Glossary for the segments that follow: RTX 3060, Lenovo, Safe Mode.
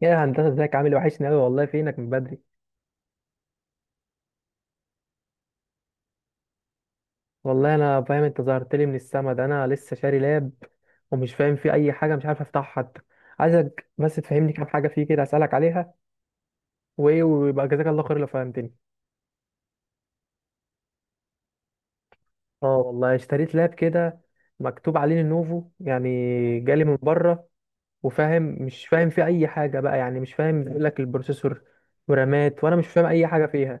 يا هندسة، ازيك؟ عامل إيه؟ وحشني أوي والله. فينك من بدري؟ والله أنا فاهم، أنت ظهرت لي من السما. ده أنا لسه شاري لاب ومش فاهم فيه أي حاجة، مش عارف أفتحها حتى. عايزك بس تفهمني كام حاجة فيه كده أسألك عليها وإيه، ويبقى جزاك الله خير لو فهمتني. أه والله اشتريت لاب كده، مكتوب عليه لينوفو يعني، جالي من بره، مش فاهم فيه أي حاجة بقى، يعني مش فاهم، بيقول لك البروسيسور ورامات، وأنا مش فاهم أي حاجة فيها.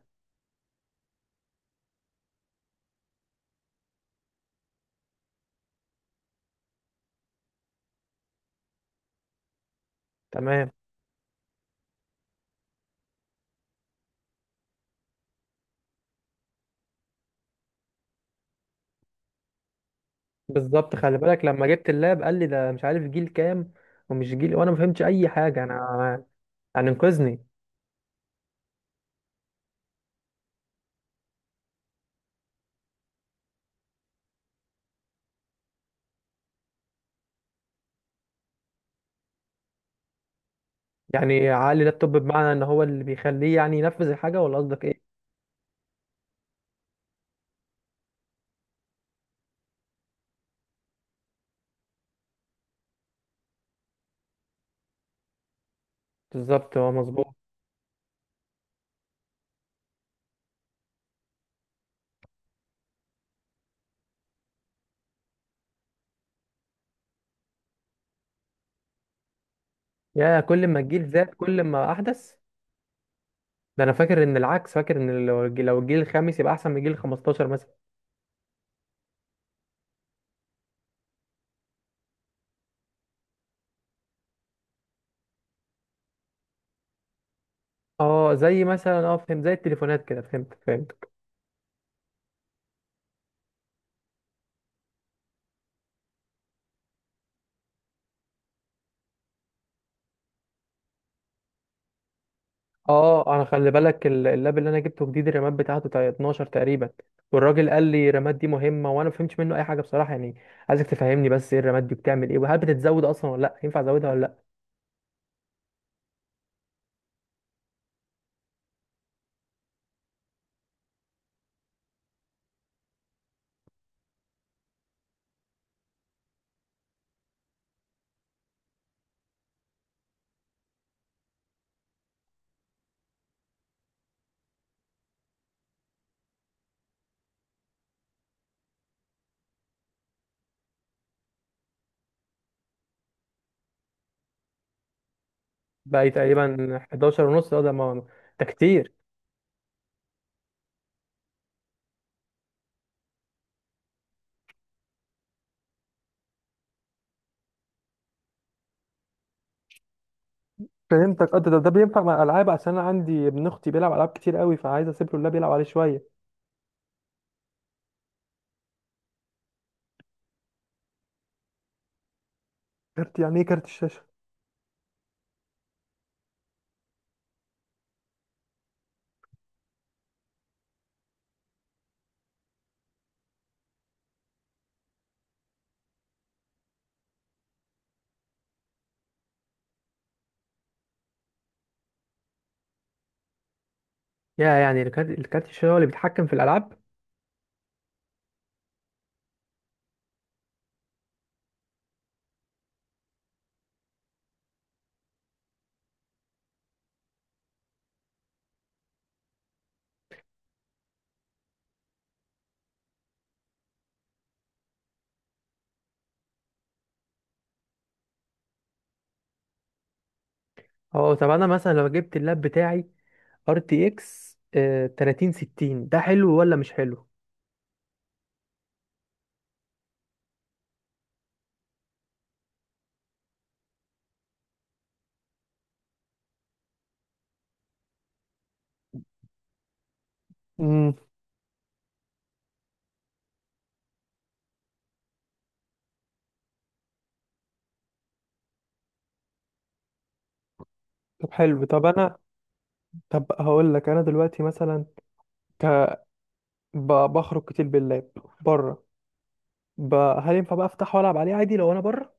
تمام. بالظبط، خلي بالك لما جبت اللاب قال لي ده مش عارف جيل كام ومش جيل، وانا ما فهمتش اي حاجه انا، يعني انقذني. يعني عقلي لابتوب، بمعنى ان هو اللي بيخليه يعني ينفذ الحاجه، ولا قصدك ايه؟ بالظبط، هو مظبوط. يا كل ما الجيل زاد كل ما احدث؟ ده انا فاكر ان العكس، فاكر ان لو لو الجيل الخامس يبقى احسن من الجيل 15 مثلا. اه، زي مثلا، فهمت، زي التليفونات كده، فهمت فهمت. اه انا، خلي بالك اللاب اللي انا جبته جديد الرامات بتاعته 12 تقريبا، والراجل قال لي الرامات دي مهمه وانا ما فهمتش منه اي حاجه بصراحه يعني. عايزك تفهمني بس ايه الرامات دي بتعمل ايه؟ وهل بتتزود اصلا ولا لا؟ ينفع ازودها ولا لا؟ بقى تقريبا 11 ونص. اه ده ده كتير. فهمتك. اه، ده بينفع مع الالعاب، عشان انا عندي ابن اختي بيلعب العاب كتير قوي، فعايز اسيب له اللاب يلعب عليه شويه. كارت؟ يعني ايه كارت الشاشه؟ يا يعني الكارت الشاشه هو اللي بيتحكم في الالعاب؟ اه، طب انا مثلا لو جبت اللاب بتاعي ار تي اكس 3060، ده حلو ولا مش حلو؟ امم طب حلو. طب هقول لك انا دلوقتي مثلا، ك... بخرج كتير باللاب بره، ب... هل ينفع بقى افتحه والعب عليه عادي لو انا بره؟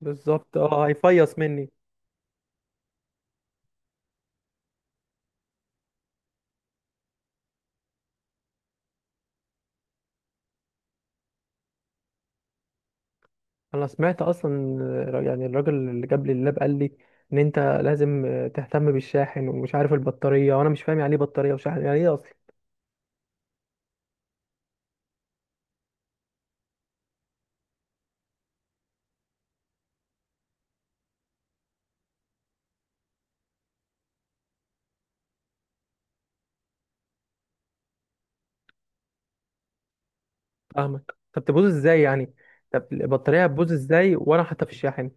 بالظبط، اه هيفيص مني. انا سمعت اصلا، يعني الراجل اللي جاب لي اللاب قال لي ان انت لازم تهتم بالشاحن ومش عارف البطاريه، وانا مش فاهم يعني ايه بطاريه وشاحن، يعني ايه اصلا؟ فاهمك. طب تبوظ ازاي يعني؟ طب البطاريه هتبوظ ازاي وانا حاططها في الشاحن؟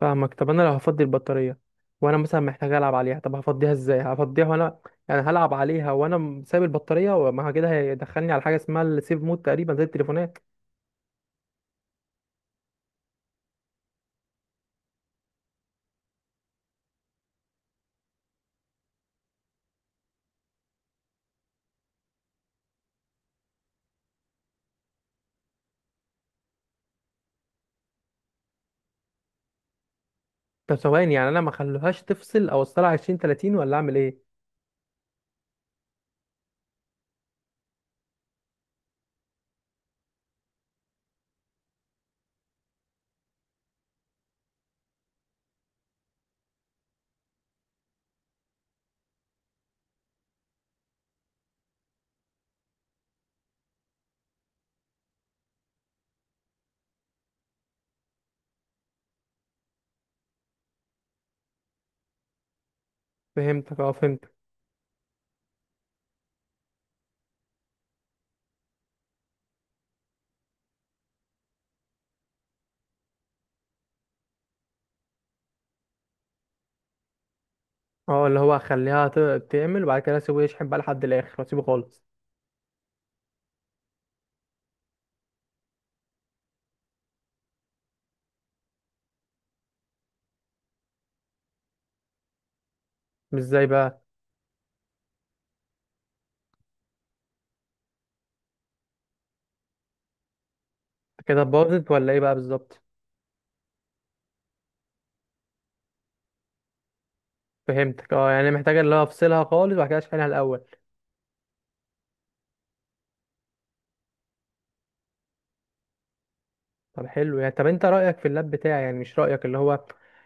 فاهمك. طب انا لو هفضي البطاريه وانا مثلا محتاج العب عليها، طب هفضيها ازاي؟ هفضيها وانا يعني هلعب عليها وانا سايب البطاريه؟ وما هو كده هيدخلني على حاجه اسمها السيف مود تقريبا، زي التليفونات. طب ثواني، يعني انا ما اخليهاش تفصل او اوصلها 20 30، ولا اعمل ايه؟ فهمتك، اه فهمتك. اه اللي هو اخليها تعمل، وبعد كده اسيبه يشحن بقى لحد الاخر واسيبه خالص. مش ازاي بقى؟ كده باظت ولا ايه بقى بالظبط؟ فهمتك، اه، يعني محتاجه اللي هو افصلها خالص وبعد كده اشحنها الاول. طب حلو. يعني طب انت رأيك في اللاب بتاعي، يعني مش رأيك اللي هو،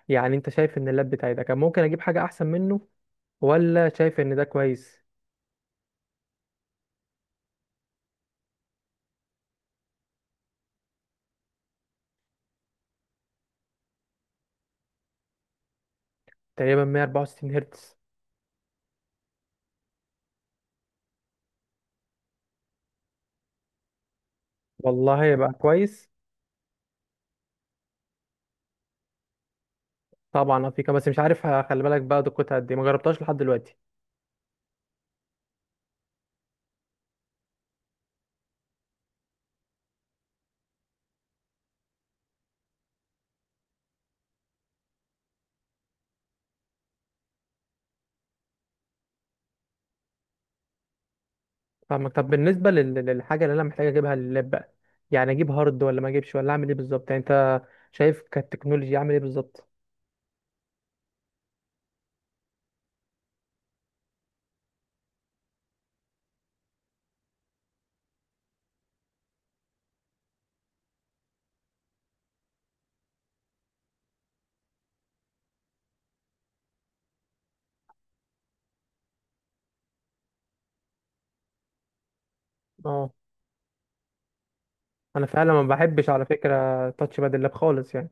يعني انت شايف ان اللاب بتاعي ده كان ممكن اجيب حاجة احسن منه، ولا شايف ان ده كويس؟ تقريبا 164 هرتز. والله يبقى كويس. طبعا افيكا، بس مش عارف خلي بالك بقى دقتها قد ايه، ما جربتهاش لحد دلوقتي. فاهمك. طب بالنسبة للحاجة اللي انا محتاج اجيبها لللاب بقى، يعني اجيب هارد ولا ما اجيبش؟ ولا اعمل ايه بالظبط؟ يعني انت شايف كالتكنولوجيا اعمل ايه بالظبط؟ اه. انا فعلا ما بحبش على فكرة تاتش باد اللاب خالص يعني.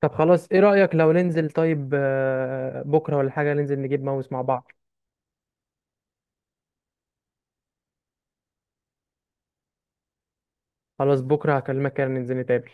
طب خلاص، ايه رأيك لو ننزل طيب بكرة ولا حاجة، ننزل نجيب ماوس مع بعض؟ خلاص، بكرة هكلمك كده ننزل نتقابل.